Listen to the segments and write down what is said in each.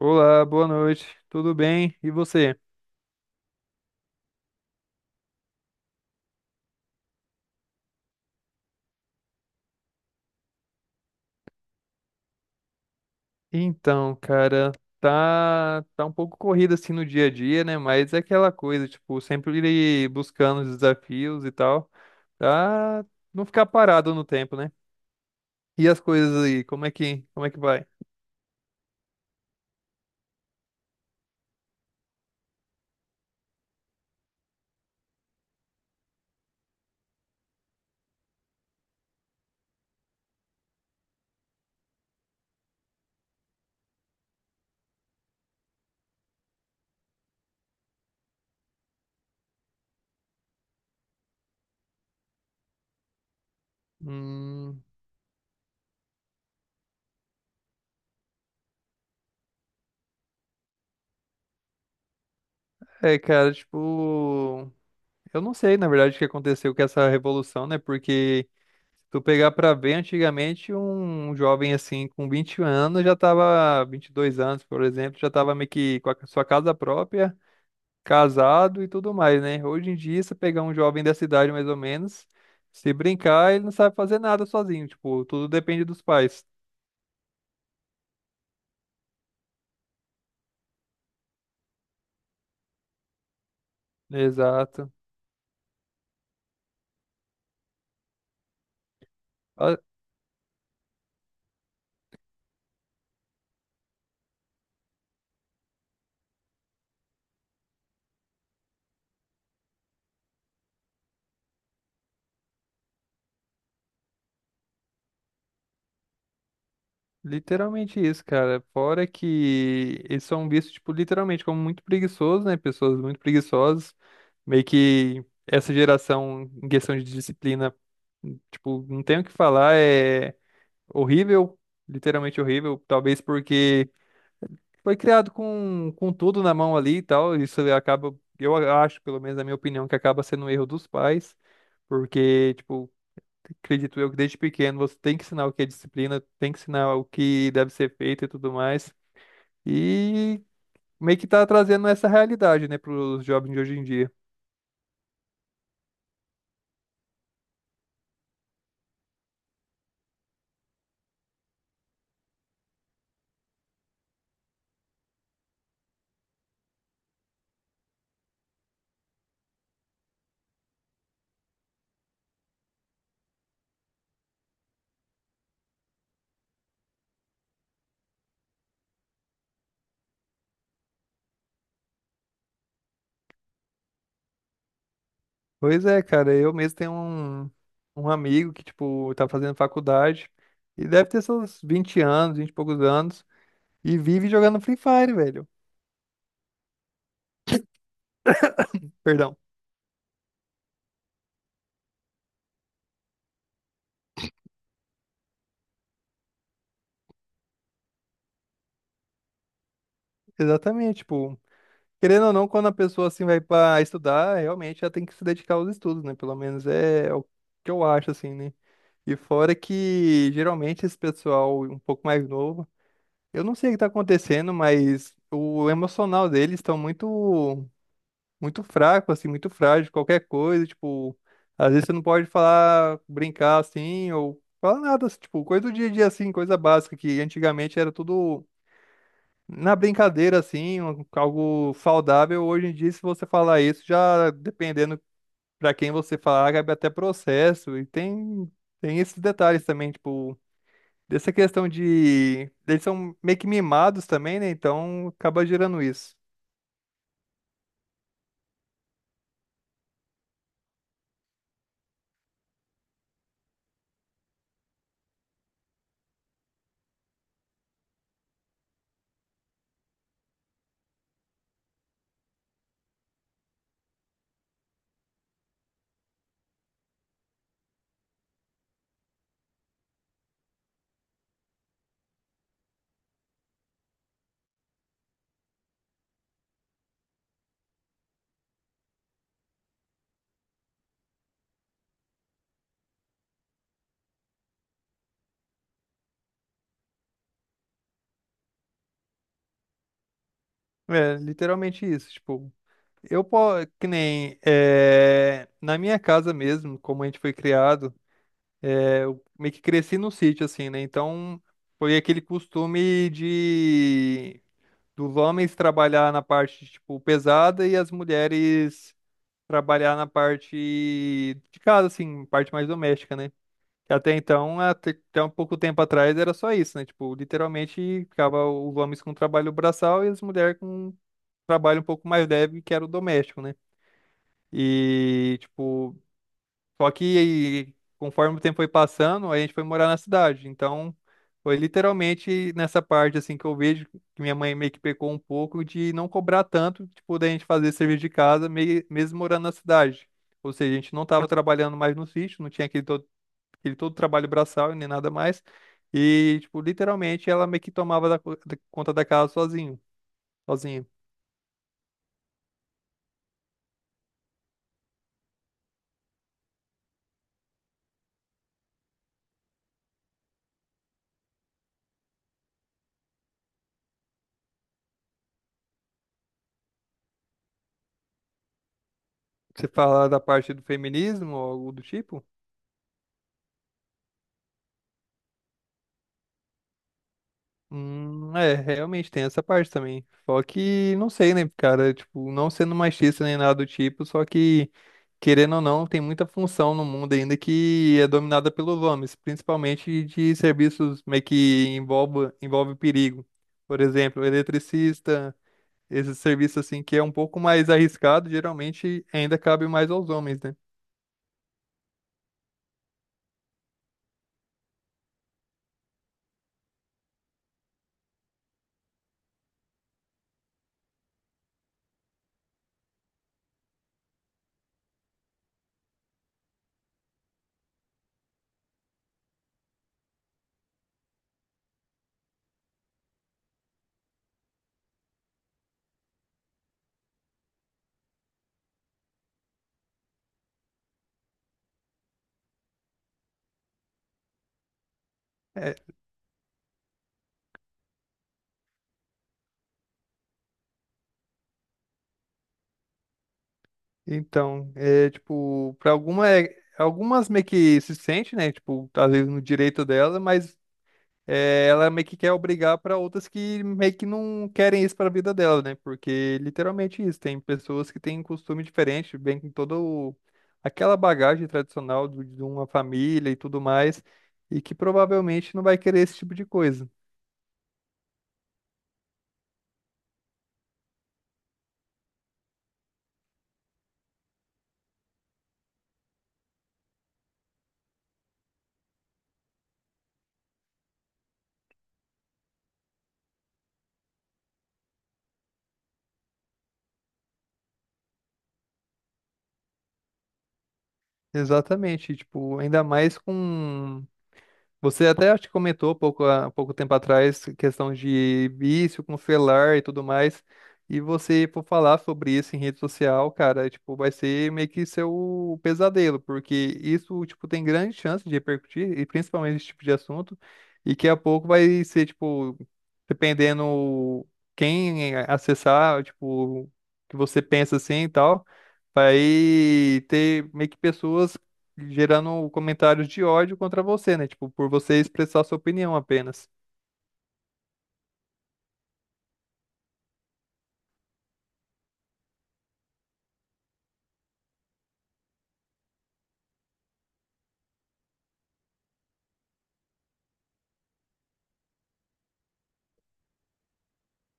Olá, boa noite. Tudo bem? E você? Então, cara, tá um pouco corrido assim no dia a dia, né? Mas é aquela coisa, tipo, sempre ir buscando os desafios e tal, pra não ficar parado no tempo, né? E as coisas aí, como é que vai? Hum, é, cara, tipo, eu não sei, na verdade, o que aconteceu com essa revolução, né? Porque se tu pegar pra ver, antigamente um jovem assim com 20 anos já tava, 22 anos, por exemplo, já tava meio que com a sua casa própria, casado e tudo mais, né? Hoje em dia, se pegar um jovem dessa idade mais ou menos, se brincar, ele não sabe fazer nada sozinho, tipo, tudo depende dos pais. Exato. Ah, Literalmente isso, cara. Fora que eles são vistos, tipo, literalmente como muito preguiçosos, né? Pessoas muito preguiçosas. Meio que essa geração, em questão de disciplina, tipo, não tem o que falar, é horrível, literalmente horrível. Talvez porque foi criado com tudo na mão ali e tal. Isso acaba, eu acho, pelo menos na minha opinião, que acaba sendo um erro dos pais. Porque, tipo, acredito eu que desde pequeno você tem que ensinar o que é disciplina, tem que ensinar o que deve ser feito e tudo mais. E meio que tá trazendo essa realidade, né, pros jovens de hoje em dia. Pois é, cara, eu mesmo tenho um amigo que, tipo, tá fazendo faculdade e deve ter seus 20 anos, 20 e poucos anos, e vive jogando Free Fire, velho. Perdão. Exatamente, tipo, querendo ou não, quando a pessoa assim vai pra estudar, realmente ela tem que se dedicar aos estudos, né? Pelo menos é o que eu acho, assim, né? E fora que geralmente esse pessoal um pouco mais novo, eu não sei o que tá acontecendo, mas o emocional deles estão muito fraco assim, muito frágil, qualquer coisa, tipo, às vezes você não pode falar, brincar assim ou falar nada, assim, tipo, coisa do dia a dia assim, coisa básica que antigamente era tudo na brincadeira assim, algo saudável. Hoje em dia, se você falar isso, já dependendo pra quem você falar, cabe até processo e tem esses detalhes também, tipo dessa questão de. Eles são meio que mimados também, né? Então acaba gerando isso. É, literalmente isso. Tipo, eu, po- que nem. Na minha casa mesmo, como a gente foi criado, eu meio que cresci no sítio, assim, né? Então foi aquele costume de. Dos homens trabalhar na parte, tipo, pesada e as mulheres trabalhar na parte de casa, assim, parte mais doméstica, né? Até então, até um pouco tempo atrás era só isso, né? Tipo, literalmente ficava os homens com trabalho braçal e as mulheres com trabalho um pouco mais leve, que era o doméstico, né? E, tipo, só que conforme o tempo foi passando, a gente foi morar na cidade. Então, foi literalmente nessa parte, assim, que eu vejo que minha mãe meio que pecou um pouco de não cobrar tanto, tipo, da gente fazer serviço de casa, meio, mesmo morando na cidade. Ou seja, a gente não estava trabalhando mais no sítio, não tinha aquele todo ele todo trabalho braçal e nem nada mais. E, tipo, literalmente ela meio que tomava da conta da casa sozinho, sozinha. Você fala da parte do feminismo ou algo do tipo? É, realmente tem essa parte também. Só que, não sei, né, cara, tipo, não sendo machista nem nada do tipo, só que, querendo ou não, tem muita função no mundo ainda que é dominada pelos homens, principalmente de serviços meio que envolve perigo. Por exemplo, eletricista, esse serviço assim que é um pouco mais arriscado, geralmente ainda cabe mais aos homens, né? É, então, é tipo, algumas meio que se sente, né? Tipo, às vezes no direito dela, mas é, ela meio que quer obrigar para outras que meio que não querem isso para a vida dela, né? Porque literalmente isso, tem pessoas que têm um costume diferente, bem com aquela bagagem tradicional de uma família e tudo mais, e que provavelmente não vai querer esse tipo de coisa. Exatamente, tipo, ainda mais com. Você até acho que comentou pouco, há pouco tempo atrás, questão de vício com celular e tudo mais. E você for falar sobre isso em rede social, cara, tipo, vai ser meio que seu pesadelo, porque isso, tipo, tem grande chance de repercutir, e principalmente esse tipo de assunto, e que a pouco vai ser, tipo, dependendo quem acessar, tipo, que você pensa assim e tal. Vai ter meio que pessoas gerando comentários de ódio contra você, né? Tipo, por você expressar sua opinião apenas.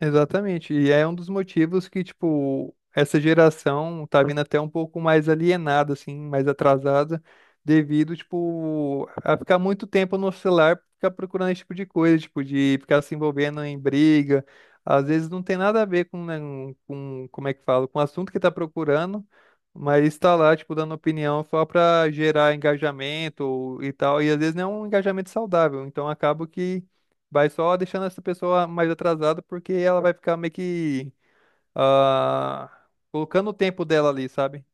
Exatamente. E é um dos motivos que, tipo, essa geração tá vindo até um pouco mais alienada, assim, mais atrasada, devido, tipo, a ficar muito tempo no celular, ficar procurando esse tipo de coisa, tipo, de ficar se envolvendo em briga. Às vezes não tem nada a ver com, né, com como é que fala, com o assunto que tá procurando, mas está lá, tipo, dando opinião só pra gerar engajamento e tal. E às vezes não é um engajamento saudável. Então acaba que vai só deixando essa pessoa mais atrasada, porque ela vai ficar meio que ah, colocando o tempo dela ali, sabe?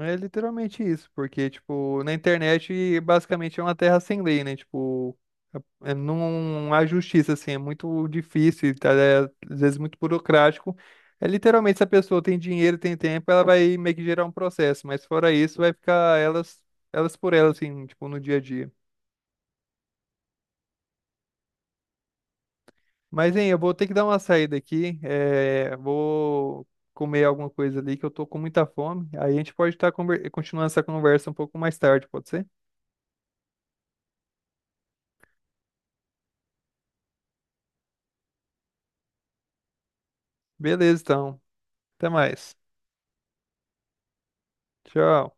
É literalmente isso, porque, tipo, na internet basicamente é uma terra sem lei, né? Tipo, é, não há justiça, assim, é muito difícil, tá? É, às vezes muito burocrático. É literalmente se a pessoa tem dinheiro, tem tempo, ela vai meio que gerar um processo, mas fora isso, vai ficar elas, elas por elas, assim, tipo, no dia a dia. Mas, hein, eu vou ter que dar uma saída aqui. Vou comer alguma coisa ali que eu tô com muita fome. Aí a gente pode estar continuando essa conversa um pouco mais tarde, pode ser? Beleza, então. Até mais. Tchau.